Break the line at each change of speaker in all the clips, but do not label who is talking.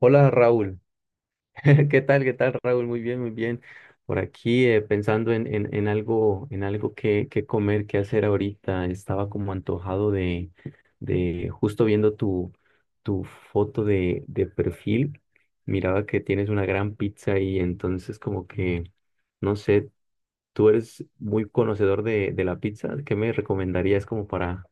Hola Raúl, ¿qué tal? ¿Qué tal Raúl? Muy bien, muy bien. Por aquí pensando en algo, en algo que comer, que hacer ahorita. Estaba como antojado de justo viendo tu foto de perfil. Miraba que tienes una gran pizza y entonces como que, no sé, tú eres muy conocedor de la pizza. ¿Qué me recomendarías como para,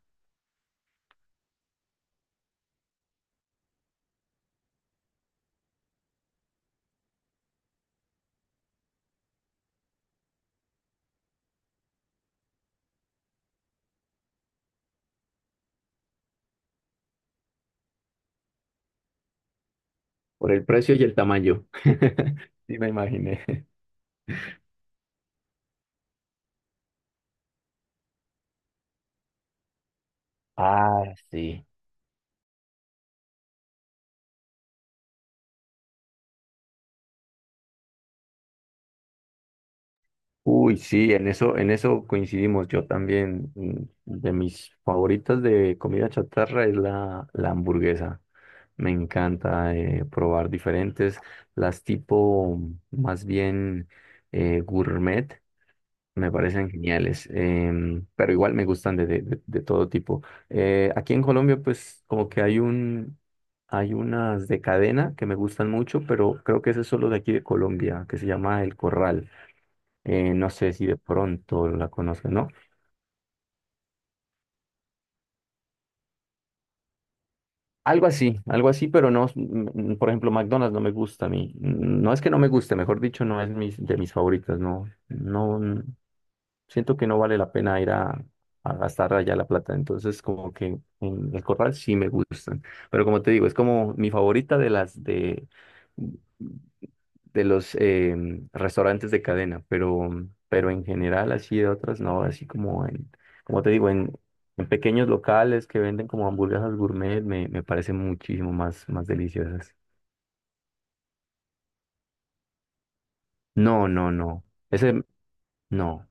por el precio y el tamaño? Sí, me imaginé. Ah, sí. Uy, sí, en eso coincidimos. Yo también, de mis favoritas de comida chatarra es la hamburguesa. Me encanta probar diferentes, las tipo más bien gourmet, me parecen geniales, pero igual me gustan de todo tipo. Aquí en Colombia, pues como que hay hay unas de cadena que me gustan mucho, pero creo que ese es solo de aquí de Colombia, que se llama El Corral no sé si de pronto la conozco, ¿no? Algo así, pero no, mm, por ejemplo, McDonald's no me gusta a mí. Mm, no es que no me guste, mejor dicho, no es mis, de mis favoritas, no, no, siento que no vale la pena ir a gastar allá la plata. Entonces, como que en el Corral sí me gustan. Pero como te digo, es como mi favorita de las de los restaurantes de cadena, pero en general así de otras no, así como te digo, en pequeños locales que venden como hamburguesas gourmet me, me parecen muchísimo más, más deliciosas. No, no, no. Ese, no.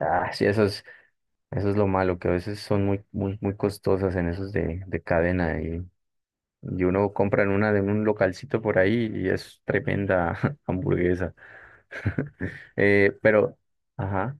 Ah, sí, eso es lo malo, que a veces son muy, muy, muy costosas en esos de cadena y uno compra en una de un localcito por ahí y es tremenda hamburguesa. Pero, ajá.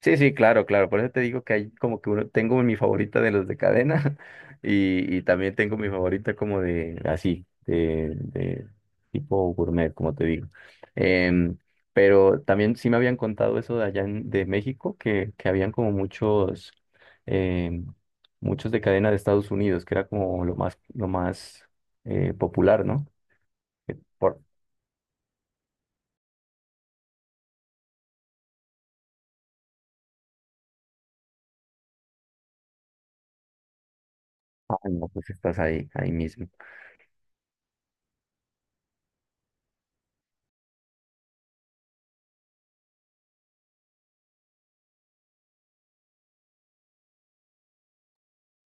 Sí, sí, claro, claro. Por eso te digo que hay como que uno, tengo mi favorita de los de cadena y también tengo mi favorita como de así, de tipo gourmet, como te digo. Em, pero también sí me habían contado eso de allá en- de México, que habían como muchos, em, muchos de cadena de Estados Unidos, que era como lo más popular, ¿no? Que por, ah, no, pues estás ahí, ahí mismo.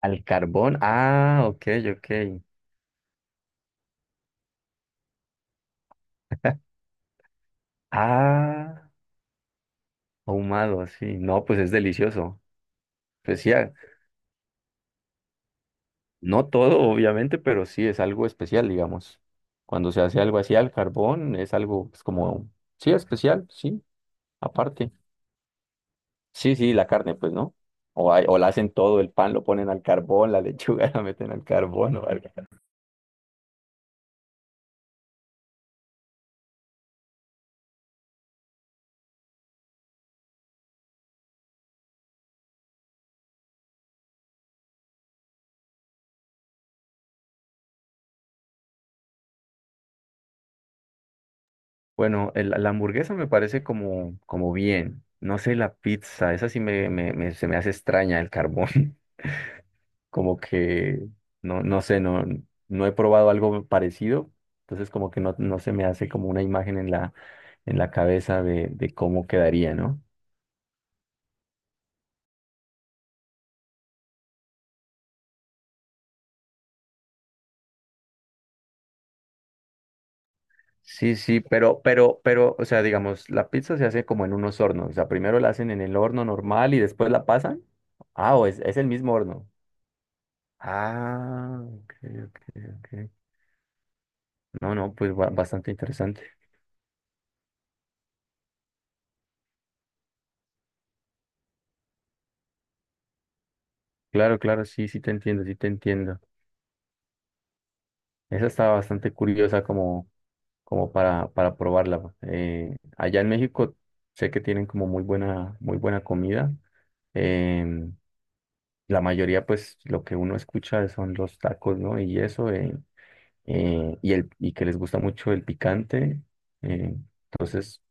Al carbón, ah, ok, ok. Ah. Ahumado, así. No, pues es delicioso. Especial. No todo, obviamente, pero sí es algo especial, digamos. Cuando se hace algo así al carbón, es algo pues, como, sí, especial, sí, aparte. Sí, sí, la carne, pues, ¿no? O, hay- o la hacen todo, el pan lo ponen al carbón, la lechuga la meten al carbón o algo. Bueno, el- la hamburguesa me parece como, como bien. No sé, la pizza, esa sí me- se me hace extraña, el carbón. Como que no, no sé, no, no he probado algo parecido, entonces como que no, no se me hace como una imagen en en la cabeza de cómo quedaría, ¿no? Sí, sí, pero, o sea, digamos, la pizza se hace como en unos hornos, o sea, primero la hacen en el horno normal y después la pasan. Ah, o es el mismo horno. Ah, ok, ok, ok. No, no, pues ba- bastante interesante. Claro, claro, sí, sí te entiendo, sí te entiendo. Esa está bastante curiosa como como para probarla. Allá en México sé que tienen como muy buena comida. Em, la mayoría, pues, lo que uno escucha son los tacos, ¿no? Y eso, y, el, y que les gusta mucho el picante. Eh, entonces,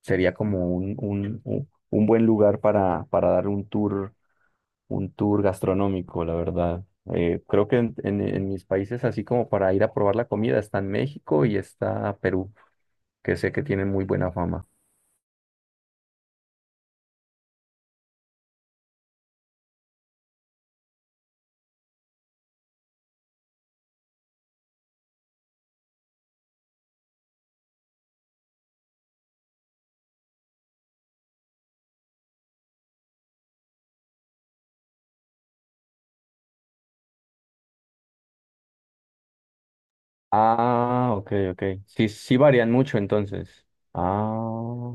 sería como un buen lugar para dar un tour gastronómico, la verdad. Creo que en mis países, así como para ir a probar la comida, está en México y está Perú que sé que tienen muy buena fama. Ah, ok, ok. Sí, sí varían mucho entonces. Ah,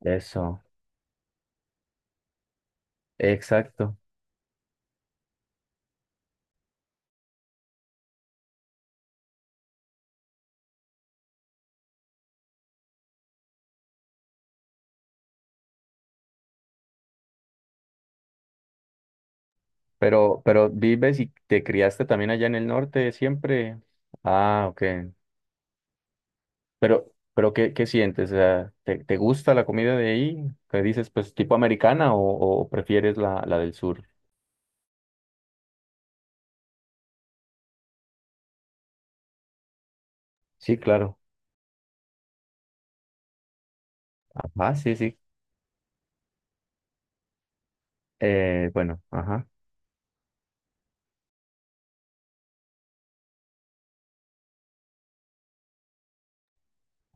eso, exacto. Pero vives y te criaste también allá en el norte siempre. Ah, ok. Pero ¿qué, qué sientes? O sea, ¿te, te gusta la comida de ahí? ¿Qué dices, pues, tipo americana o prefieres la del sur? Sí, claro. Ajá, sí, sí. Bueno, ajá.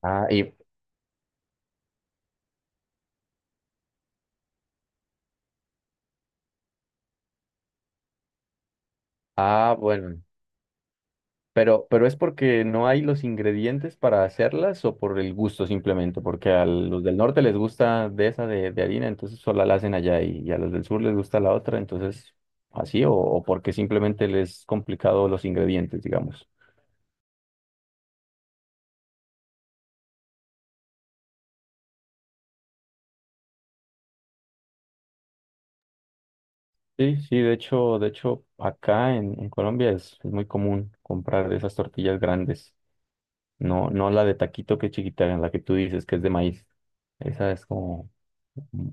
Ah, y, ah, bueno. Pero ¿es porque no hay los ingredientes para hacerlas o por el gusto simplemente, porque a los del norte les gusta de esa de harina, entonces solo la hacen allá y a los del sur les gusta la otra, entonces así o porque simplemente les es complicado los ingredientes, digamos? Sí, sí, de hecho acá en Colombia es muy común comprar esas tortillas grandes, no, no la de taquito que es chiquita, la que tú dices que es de maíz, esa es como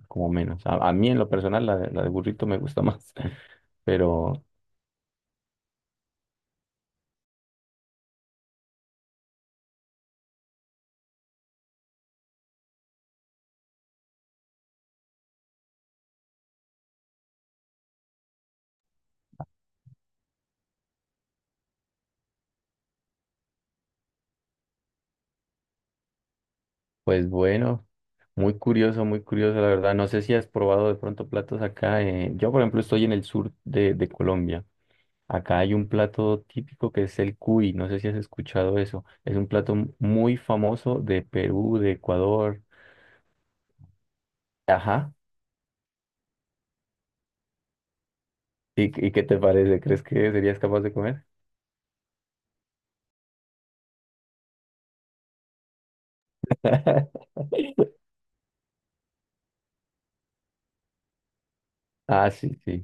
como menos. A mí en lo personal la de burrito me gusta más. Pero pues bueno, muy curioso, la verdad. No sé si has probado de pronto platos acá. Eh, yo, por ejemplo, estoy en el sur de Colombia. Acá hay un plato típico que es el cuy. No sé si has escuchado eso. Es un plato m- muy famoso de Perú, de Ecuador. Ajá. Y qué te parece? ¿Crees que serías capaz de comer? Ah, sí, sí.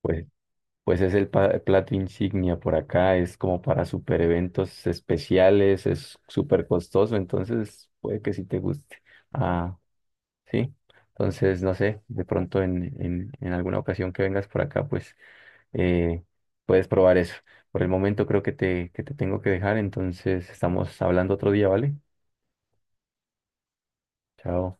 Pues pues es el pa- plato insignia por acá, es como para super eventos especiales, es súper costoso, entonces puede que sí te guste. Ah, sí. Entonces, no sé, de pronto en alguna ocasión que vengas por acá, pues eh, puedes probar eso. Por el momento creo que te tengo que dejar, entonces estamos hablando otro día, ¿vale? Chao.